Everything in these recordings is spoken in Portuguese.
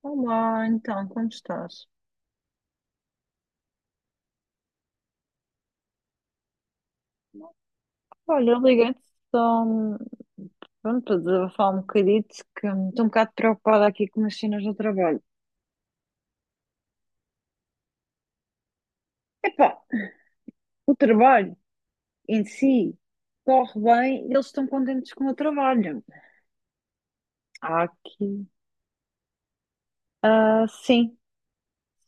Olá, então, como estás? Olha, eu liguei-te só pronto, para desabafar um bocadito, que estou um bocado preocupada aqui com as cenas do trabalho. Epá, o trabalho em si corre bem, eles estão contentes com o trabalho. Há aqui, sim,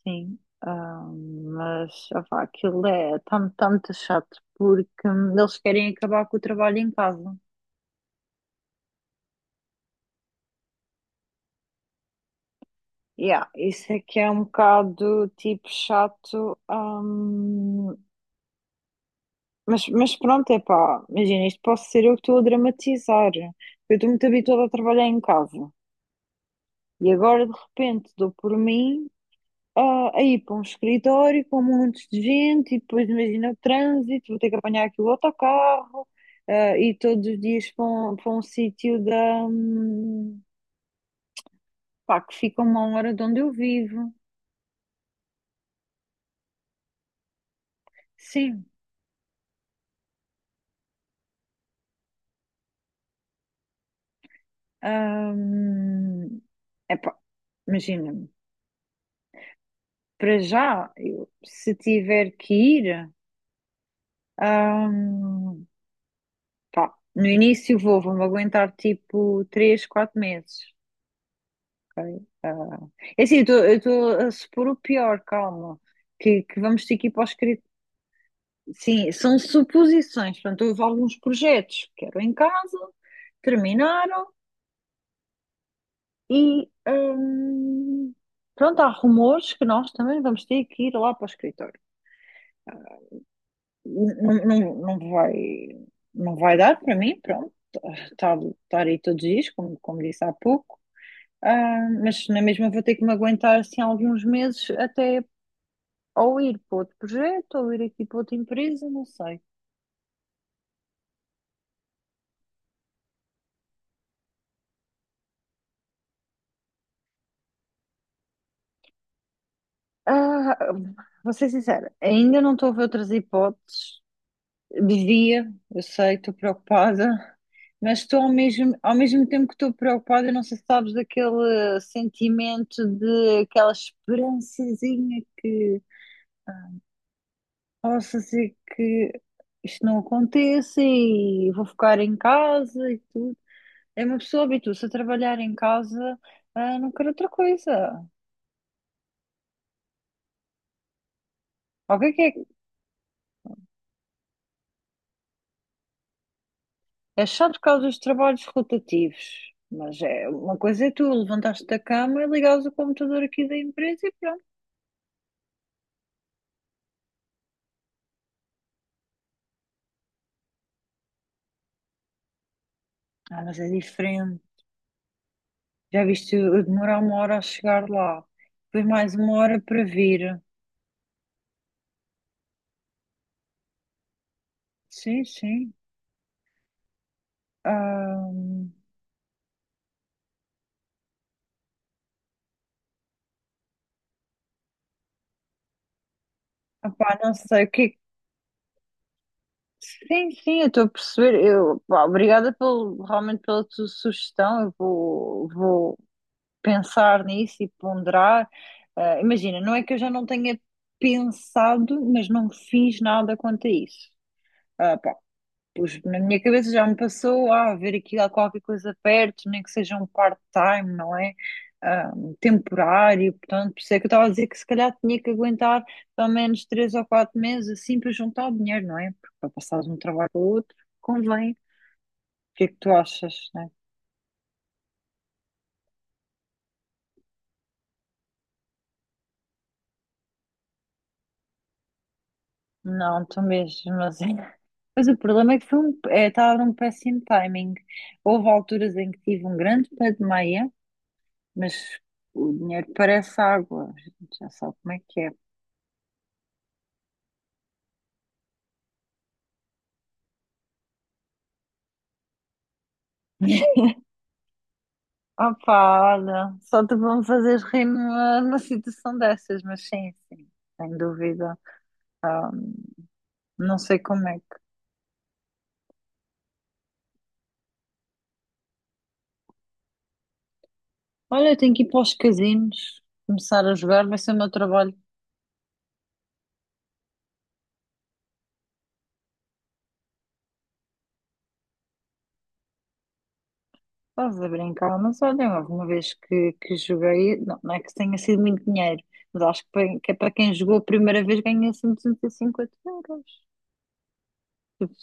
sim, mas opá, aquilo é, está muito chato, porque eles querem acabar com o trabalho em casa. Yeah, isso é que é um bocado tipo chato. Mas pronto, é pá, imagina, isto posso ser eu que estou a dramatizar. Eu estou muito habituada a trabalhar em casa e agora de repente dou por mim a ir para um escritório com montes de gente e depois imagina o trânsito, vou ter que apanhar aqui o autocarro e todos os dias para um sítio pá, que fica a 1 hora de onde eu vivo. Sim, hum, é pá, imagina, para já, eu, se tiver que ir. Ahm, pá, no início vou-me aguentar tipo 3 4 meses. Ok? É assim, eu estou a supor o pior, calma, que vamos ter que ir para o escritório. Sim, são suposições. Portanto, houve alguns projetos que eram em casa, terminaram e pronto, há rumores que nós também vamos ter que ir lá para o escritório. Não, não, não vai dar para mim, pronto, estar aí todos os dias, como disse há pouco. Mas na mesma vou ter que me aguentar assim alguns meses, até ou ir para outro projeto, ou ir aqui para outra empresa, não sei. Ah, vou ser sincera, ainda não estou a ver outras hipóteses. Devia, eu sei, estou preocupada, mas estou ao mesmo tempo que estou preocupada, não sei se sabes daquele sentimento, de aquela esperançazinha que possa ser que isto não aconteça e vou ficar em casa e tudo. É, uma pessoa habitua-se a trabalhar em casa, não quero outra coisa. O que é que é? É chato por causa dos trabalhos rotativos, mas é uma coisa, é tu levantaste da cama e ligares o computador aqui da empresa e pronto. Mas é diferente. Já viste eu demorar 1 hora a chegar lá, depois mais 1 hora para vir. Sim, sim. Ah, opá, não sei o que. Sim, sim, eu estou a perceber. Eu, pá, obrigada pelo, realmente pela tua sugestão. Eu vou pensar nisso e ponderar. Imagina, não é que eu já não tenha pensado, mas não fiz nada quanto a isso. Pus, na minha cabeça já me passou a ver aqui há qualquer coisa perto, nem que seja um part-time, não é? Ah, temporário, portanto, por isso é que eu estava a dizer que se calhar tinha que aguentar pelo menos 3 ou 4 meses assim, para juntar o dinheiro, não é? Porque para passar de um trabalho para o outro, convém. O que é que tu achas, né? Não, tu mesmo, mas mas o problema é que foi um, é, estava num péssimo timing. Houve alturas em que tive um grande pé de meia, mas o dinheiro parece água, a gente já sabe como é que é. Pá, olha, só te vão fazer rir numa situação dessas, mas sim, sim, sem dúvida. Ah, não sei como é que. Olha, eu tenho que ir para os casinos, começar a jogar, vai ser o meu trabalho. Estás a brincar, mas olha, houve uma vez que joguei, não, não é que tenha sido muito dinheiro, mas acho que, que é, para quem jogou a primeira vez, ganha assim 250 euros. Tipo,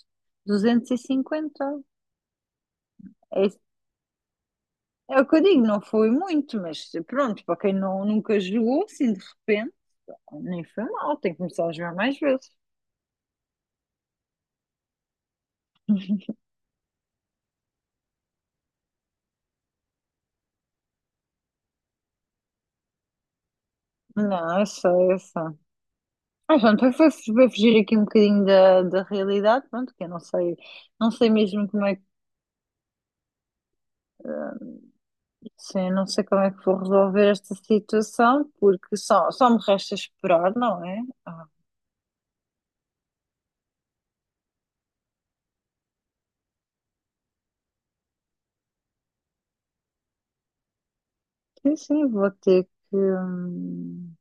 250. É, é o que eu digo, não foi muito, mas pronto, para quem não, nunca jogou, assim de repente. Nem foi mal, tem que começar a jogar mais vezes. Não, eu sei, eu sei. Pronto, foi fugir aqui um bocadinho da realidade, pronto, que eu não sei, não sei mesmo como é que, sim, não sei como é que vou resolver esta situação, porque só me resta esperar, não é? Sim, sim, hum,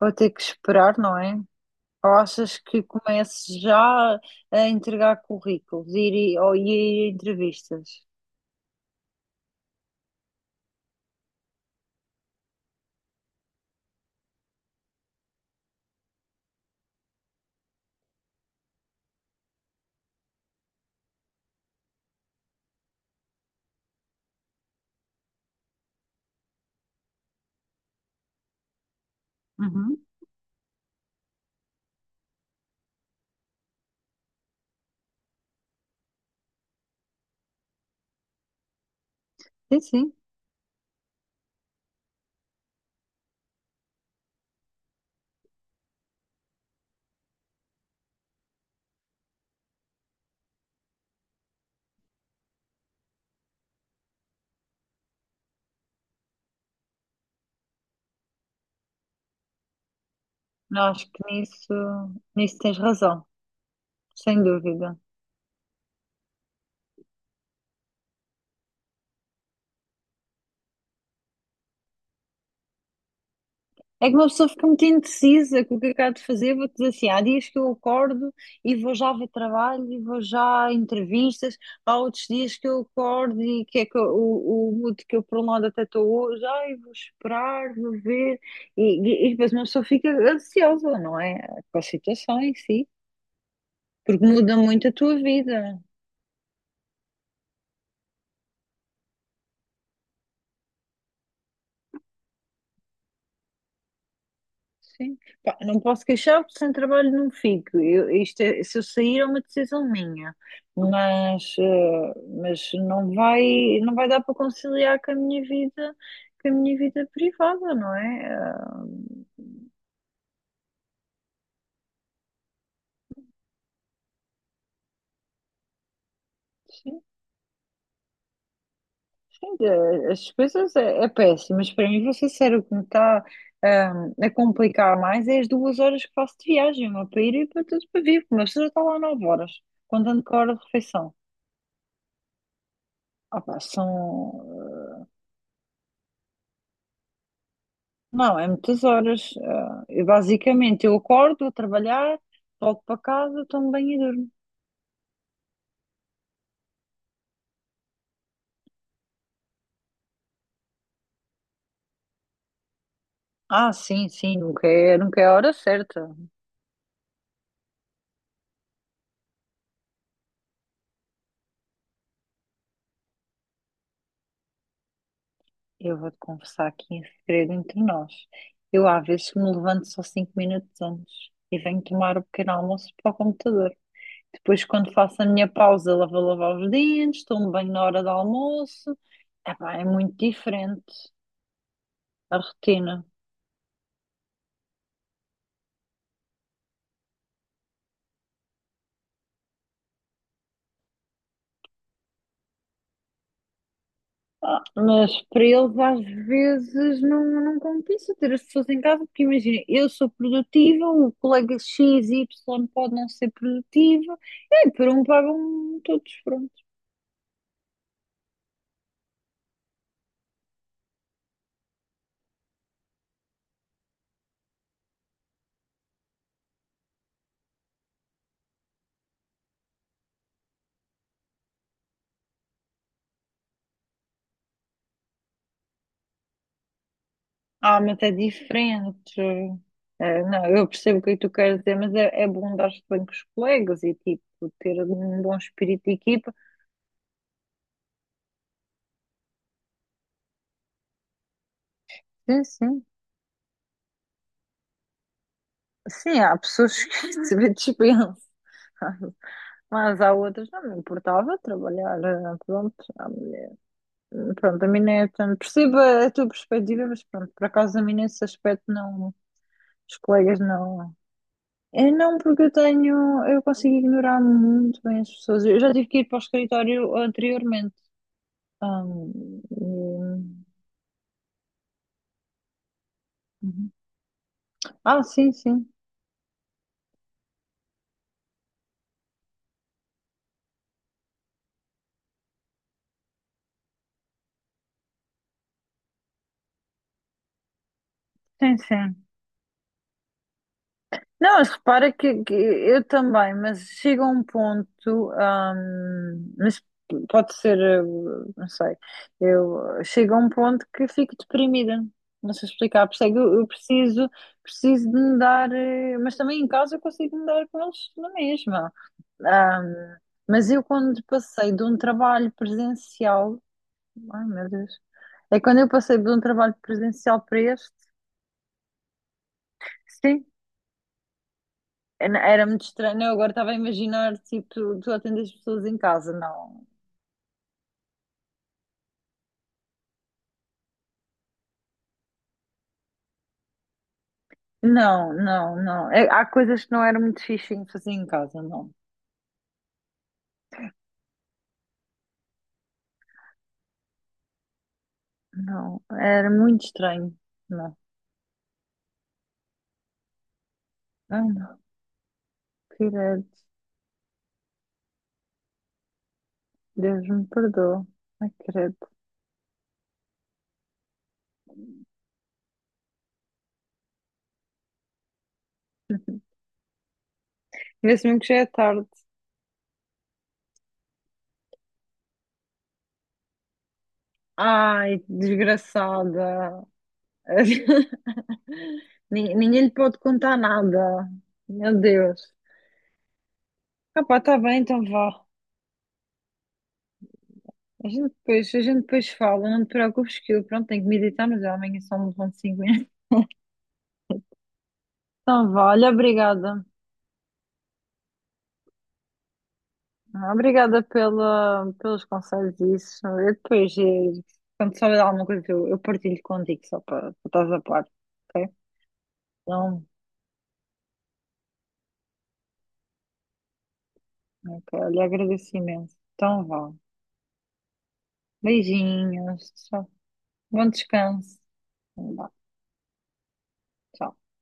vou ter que esperar, não é? Ou achas que comece já a entregar currículos, ou ir a entrevistas? Uhum. Sim, sim. Não, acho que nisso, tens razão, sem dúvida. É que uma pessoa fica muito indecisa com o que acaba de fazer. Vou-te dizer assim: há dias que eu acordo e vou já ver trabalho e vou já a entrevistas. Há outros dias que eu acordo e que é que o mood que eu, por um lado, até estou hoje. Ai, vou esperar, vou ver. E, e depois uma pessoa fica ansiosa, não é? Com a situação em si, porque muda muito a tua vida. Sim. Pá, não posso queixar porque sem trabalho não fico. Eu, se eu sair é uma decisão minha, mas, eh, mas não vai dar para conciliar com a minha vida, privada, não é? Sim, sim, as despesas é, é péssimo, mas para mim, vou ser sincera, o que me está, ah, a complicar mais é as 2 horas que faço de viagem, uma para ir e para tudo para vir, porque uma pessoa já está lá 9 horas, contando com a hora de refeição. Pá, são. Não, é muitas horas. Eu, basicamente, eu acordo, vou trabalhar, volto para casa, tomo banho e durmo. Sim, sim, nunca é, a hora certa. Eu vou-te confessar aqui em segredo entre nós. Eu, às vezes, me levanto só 5 minutos antes e venho tomar o pequeno almoço para o computador. Depois, quando faço a minha pausa, lá vou lavar os dentes, tomo banho na hora do almoço. Epá, é muito diferente a rotina. Mas para eles às vezes não, compensa ter as pessoas em casa, porque imagina, eu sou produtiva, o colega X, Y pode não ser produtivo, e aí, por um pagam todos, pronto. Mas é diferente. Não, eu percebo o que é que tu queres dizer, mas é bom dar-se bem com os colegas e tipo ter um bom espírito de equipa. Sim, sim. Sim, há pessoas que se dispensam. Mas há outras, não me importava trabalhar, pronto. Pronto, a mim não é tanto. Percebo a tua perspectiva, mas pronto, por acaso a mim nesse aspecto não. Os colegas não. É não, porque eu tenho. Eu consigo ignorar muito bem as pessoas. Eu já tive que ir para o escritório anteriormente. Ah, e- Uhum. Sim, sim. Sim, sim. Não, mas repara que eu também, mas chega um ponto, mas pode ser, não sei, eu chega um ponto que fico deprimida, não sei explicar, percebe? Eu preciso de me dar, mas também em casa eu consigo me dar com eles na mesma. Hum, mas eu quando passei de um trabalho presencial, ai meu Deus, é quando eu passei de um trabalho presencial para este. Sim. Era muito estranho. Eu agora estava a imaginar, tipo, tu atendes pessoas em casa. Não, não, não, não. Há coisas que não era muito fixe em fazer em casa, não. Não, era muito estranho. Não. Ai, não. Credo. Deus me perdoa. Ai, credo. Vê-se mesmo que já é tarde. Ai, desgraçada. Ninguém lhe pode contar nada. Meu Deus. Pá, tá bem, então vá. A gente depois fala, não te preocupes que eu, pronto, tenho que meditar, mas eu amanhã só me levanto cinco. Então, vá, olha, obrigada. Obrigada pelos conselhos e isso. Eu depois, quando souber de alguma coisa, eu partilho contigo, só para estás a par, ok? Então, ok, olha, agradeço imenso. Então, vá. Beijinhos, tchau. Bom descanso. Vá, tchau.